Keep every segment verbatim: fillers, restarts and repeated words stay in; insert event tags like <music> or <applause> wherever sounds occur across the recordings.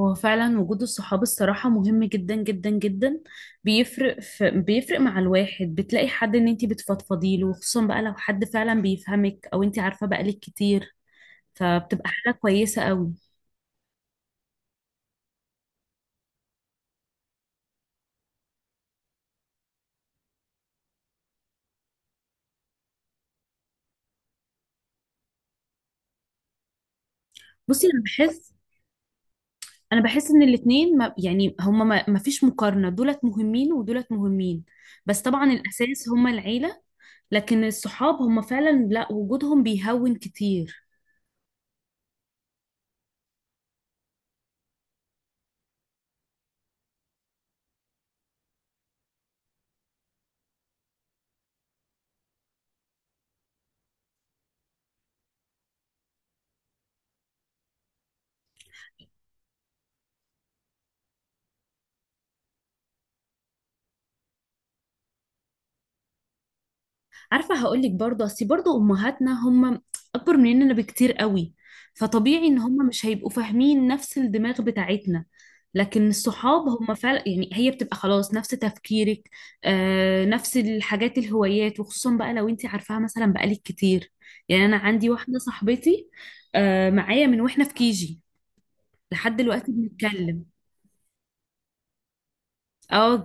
هو فعلا وجود الصحاب الصراحة مهم جدا جدا جدا. بيفرق في بيفرق مع الواحد، بتلاقي حد ان انتي بتفضفضي له، خصوصا بقى لو حد فعلا بيفهمك او انتي عارفة بقالك كتير، فبتبقى حاجة كويسة قوي. بصي، انا بحس انا بحس ان الاتنين، ما يعني هما، ما, ما فيش مقارنة، دولت مهمين ودولت مهمين. بس طبعا الاساس هما العيلة، لكن الصحاب هما فعلا، لا، وجودهم بيهون كتير. عارفة هقولك برضه، أصل برضه أمهاتنا هم أكبر مننا بكتير قوي، فطبيعي إن هم مش هيبقوا فاهمين نفس الدماغ بتاعتنا. لكن الصحاب هم فعلا يعني هي بتبقى خلاص نفس تفكيرك، آه، نفس الحاجات، الهوايات، وخصوصا بقى لو انت عارفاها مثلا بقالك كتير. يعني أنا عندي واحدة صاحبتي، آه، معايا من واحنا في كيجي لحد دلوقتي بنتكلم. اه،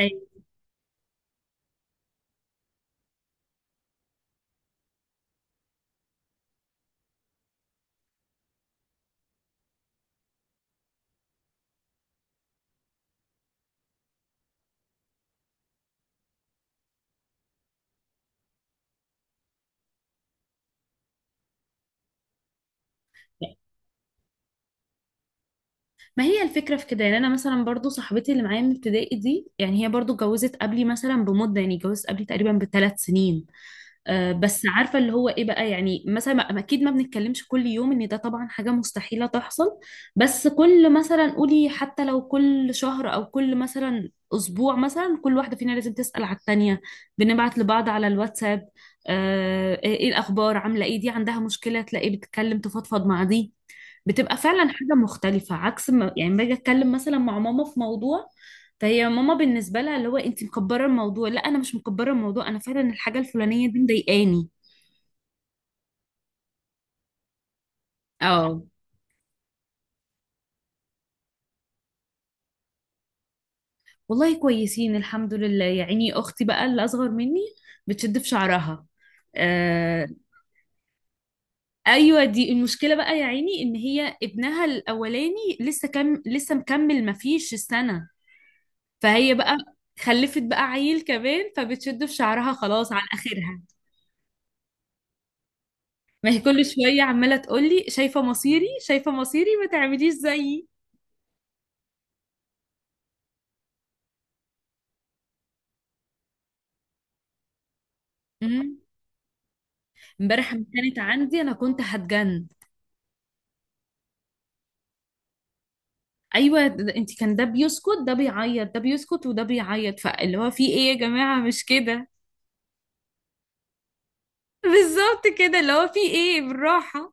جدا. ما هي الفكرة في كده، يعني أنا مثلا برضو صاحبتي اللي معايا من ابتدائي دي، يعني هي برضو اتجوزت قبلي مثلا بمدة، يعني اتجوزت قبلي تقريبا بثلاث سنين. آه، بس عارفة اللي هو ايه بقى، يعني مثلا ما- اكيد ما بنتكلمش كل يوم، ان ده طبعا حاجة مستحيلة تحصل. بس كل مثلا قولي حتى لو كل شهر او كل مثلا اسبوع، مثلا كل واحدة فينا لازم تسأل على التانية. بنبعت لبعض على الواتساب، آه، ايه الاخبار، عاملة ايه، دي عندها مشكلة تلاقي بتتكلم تفضفض مع دي. بتبقى فعلا حاجة مختلفة عكس ما يعني باجي اتكلم مثلا مع ماما في موضوع، فهي ماما بالنسبه لها اللي هو انت مكبره الموضوع، لا انا مش مكبره الموضوع، انا فعلا الحاجه الفلانيه دي مضايقاني. اه، والله كويسين الحمد لله. يا عيني اختي بقى اللي اصغر مني بتشد في شعرها. آه. ايوه دي المشكله بقى يا عيني، ان هي ابنها الاولاني لسه كم لسه مكمل ما فيش السنه، فهي بقى خلفت بقى عيل كمان، فبتشد في شعرها خلاص عن اخرها. ما هي كل شويه عماله تقول لي شايفه مصيري شايفه مصيري، ما تعمليش زيي. امبارح لما كانت عندي انا كنت هتجن. ايوه، انت كان ده بيسكت ده بيعيط ده بيسكت وده بيعيط، فاللي هو في ايه يا جماعه، مش كده؟ <laughs> بالظبط كده، اللي هو في ايه بالراحه.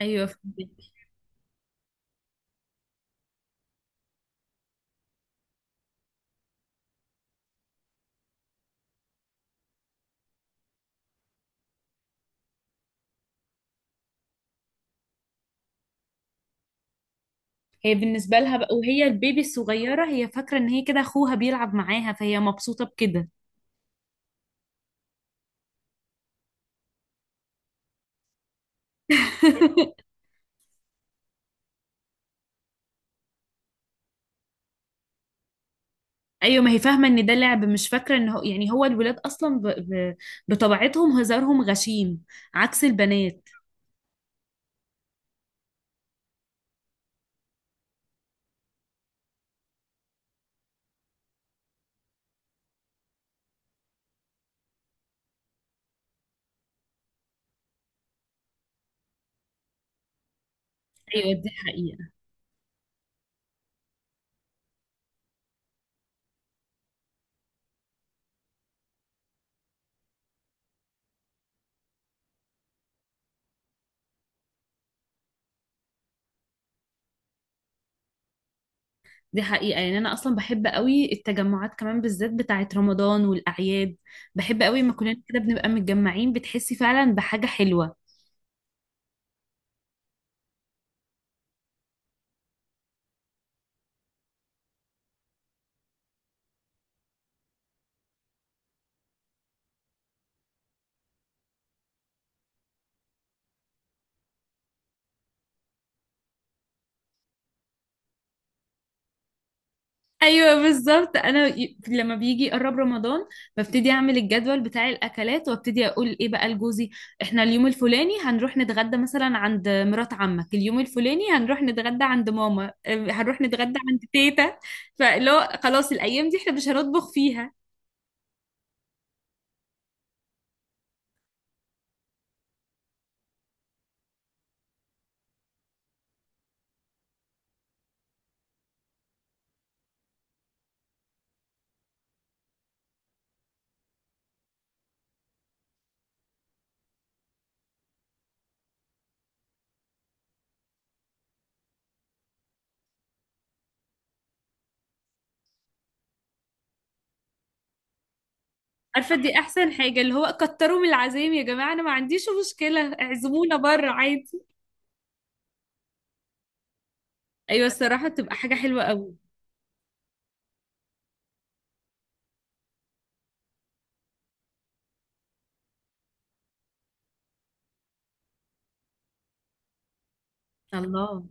ايوه فهمتك. هي بالنسبه لها بقى وهي البيبي الصغيره، هي فاكره ان هي كده اخوها بيلعب معاها، فهي مبسوطه بكده. <laughs> ايوه، ما هي فاهمه ان ده لعب، مش فاكره ان هو يعني هو الولاد اصلا ب... ب... بطبيعتهم هزارهم غشيم عكس البنات. ايوه دي حقيقه. دي حقيقة، يعني أنا أصلا بحب قوي التجمعات، كمان بالذات بتاعة رمضان والأعياد. بحب قوي ما كلنا كده بنبقى متجمعين، بتحسي فعلا بحاجة حلوة. أيوة بالظبط، أنا ي- لما بيجي يقرب رمضان ببتدي أعمل الجدول بتاع الأكلات وأبتدي أقول إيه بقى لجوزي. إحنا اليوم الفلاني هنروح نتغدى مثلا عند مرات عمك، اليوم الفلاني هنروح نتغدى عند ماما، أه، هنروح نتغدى عند تيتا. فاللي هو خلاص الأيام دي إحنا مش هنطبخ فيها. عارفه دي احسن حاجه، اللي هو كتروا من العزايم يا جماعه، انا ما عنديش مشكله اعزمونا بره عادي. ايوه الصراحه بتبقى حاجه حلوه قوي. الله.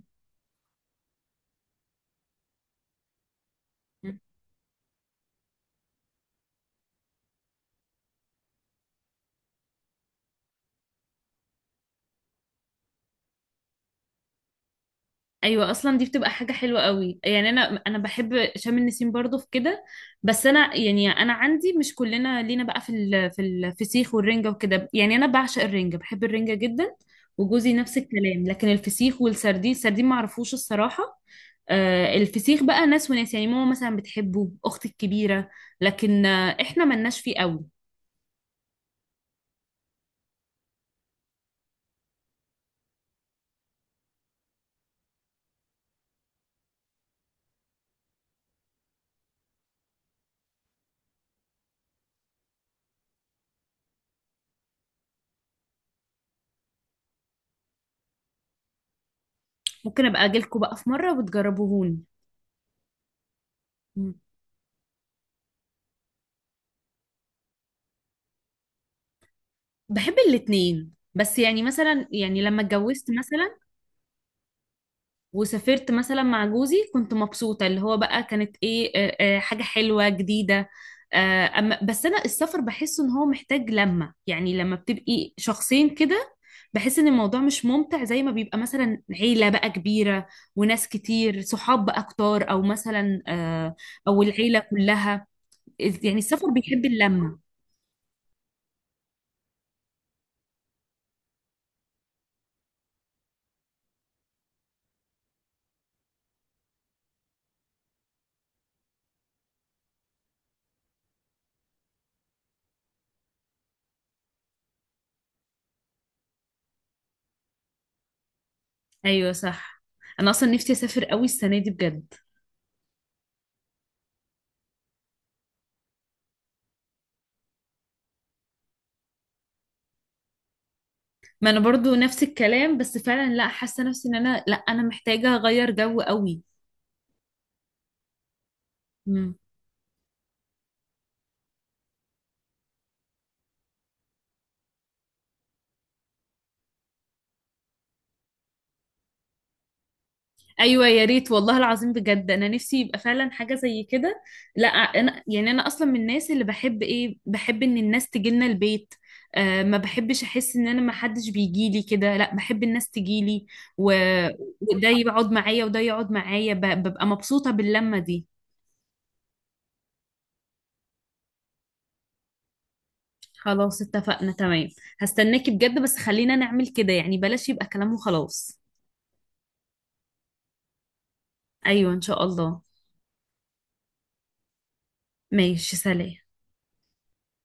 ايوه اصلا دي بتبقى حاجه حلوه قوي، يعني انا انا بحب شم النسيم برضو في كده. بس انا يعني انا عندي، مش كلنا لينا بقى في ال في الفسيخ والرنجه وكده، يعني انا بعشق الرنجه، بحب الرنجه جدا. وجوزي نفس الكلام، لكن الفسيخ والسردين، السردين ما اعرفوش الصراحه. آه، الفسيخ بقى ناس وناس، يعني ماما مثلا بتحبه، اختي الكبيره، لكن آه، احنا ملناش فيه قوي. ممكن ابقى اجيلكوا بقى في مره وتجربوهوني. مم. بحب الاتنين، بس يعني مثلا، يعني لما اتجوزت مثلا وسافرت مثلا مع جوزي، كنت مبسوطة، اللي هو بقى كانت ايه، آه، آه، حاجة حلوة جديدة. آه، أما بس أنا السفر بحس إن هو محتاج لمة، يعني لما بتبقي شخصين كده بحس إن الموضوع مش ممتع زي ما بيبقى مثلا عيلة بقى كبيرة، وناس كتير صحاب بقى كتار، أو مثلا، آه، أو العيلة كلها. يعني السفر بيحب اللمة. أيوة صح، أنا أصلا نفسي أسافر قوي السنة دي بجد. ما انا برضو نفس الكلام، بس فعلا لا، حاسه نفسي ان انا، لا، انا محتاجه اغير جو قوي. مم. ايوه يا ريت والله العظيم، بجد انا نفسي يبقى فعلا حاجه زي كده. لا انا يعني انا اصلا من الناس اللي بحب، ايه بحب ان الناس تجيلنا البيت. آه، ما بحبش احس ان انا ما حدش بيجي لي كده، لا، بحب الناس تجيلي و... وده يقعد معايا وده يقعد معايا، ب... ببقى مبسوطه باللمه دي. خلاص اتفقنا، تمام، هستناكي بجد، بس خلينا نعمل كده يعني، بلاش يبقى كلام وخلاص. ايوه ان شاء الله. ماشي، سلام.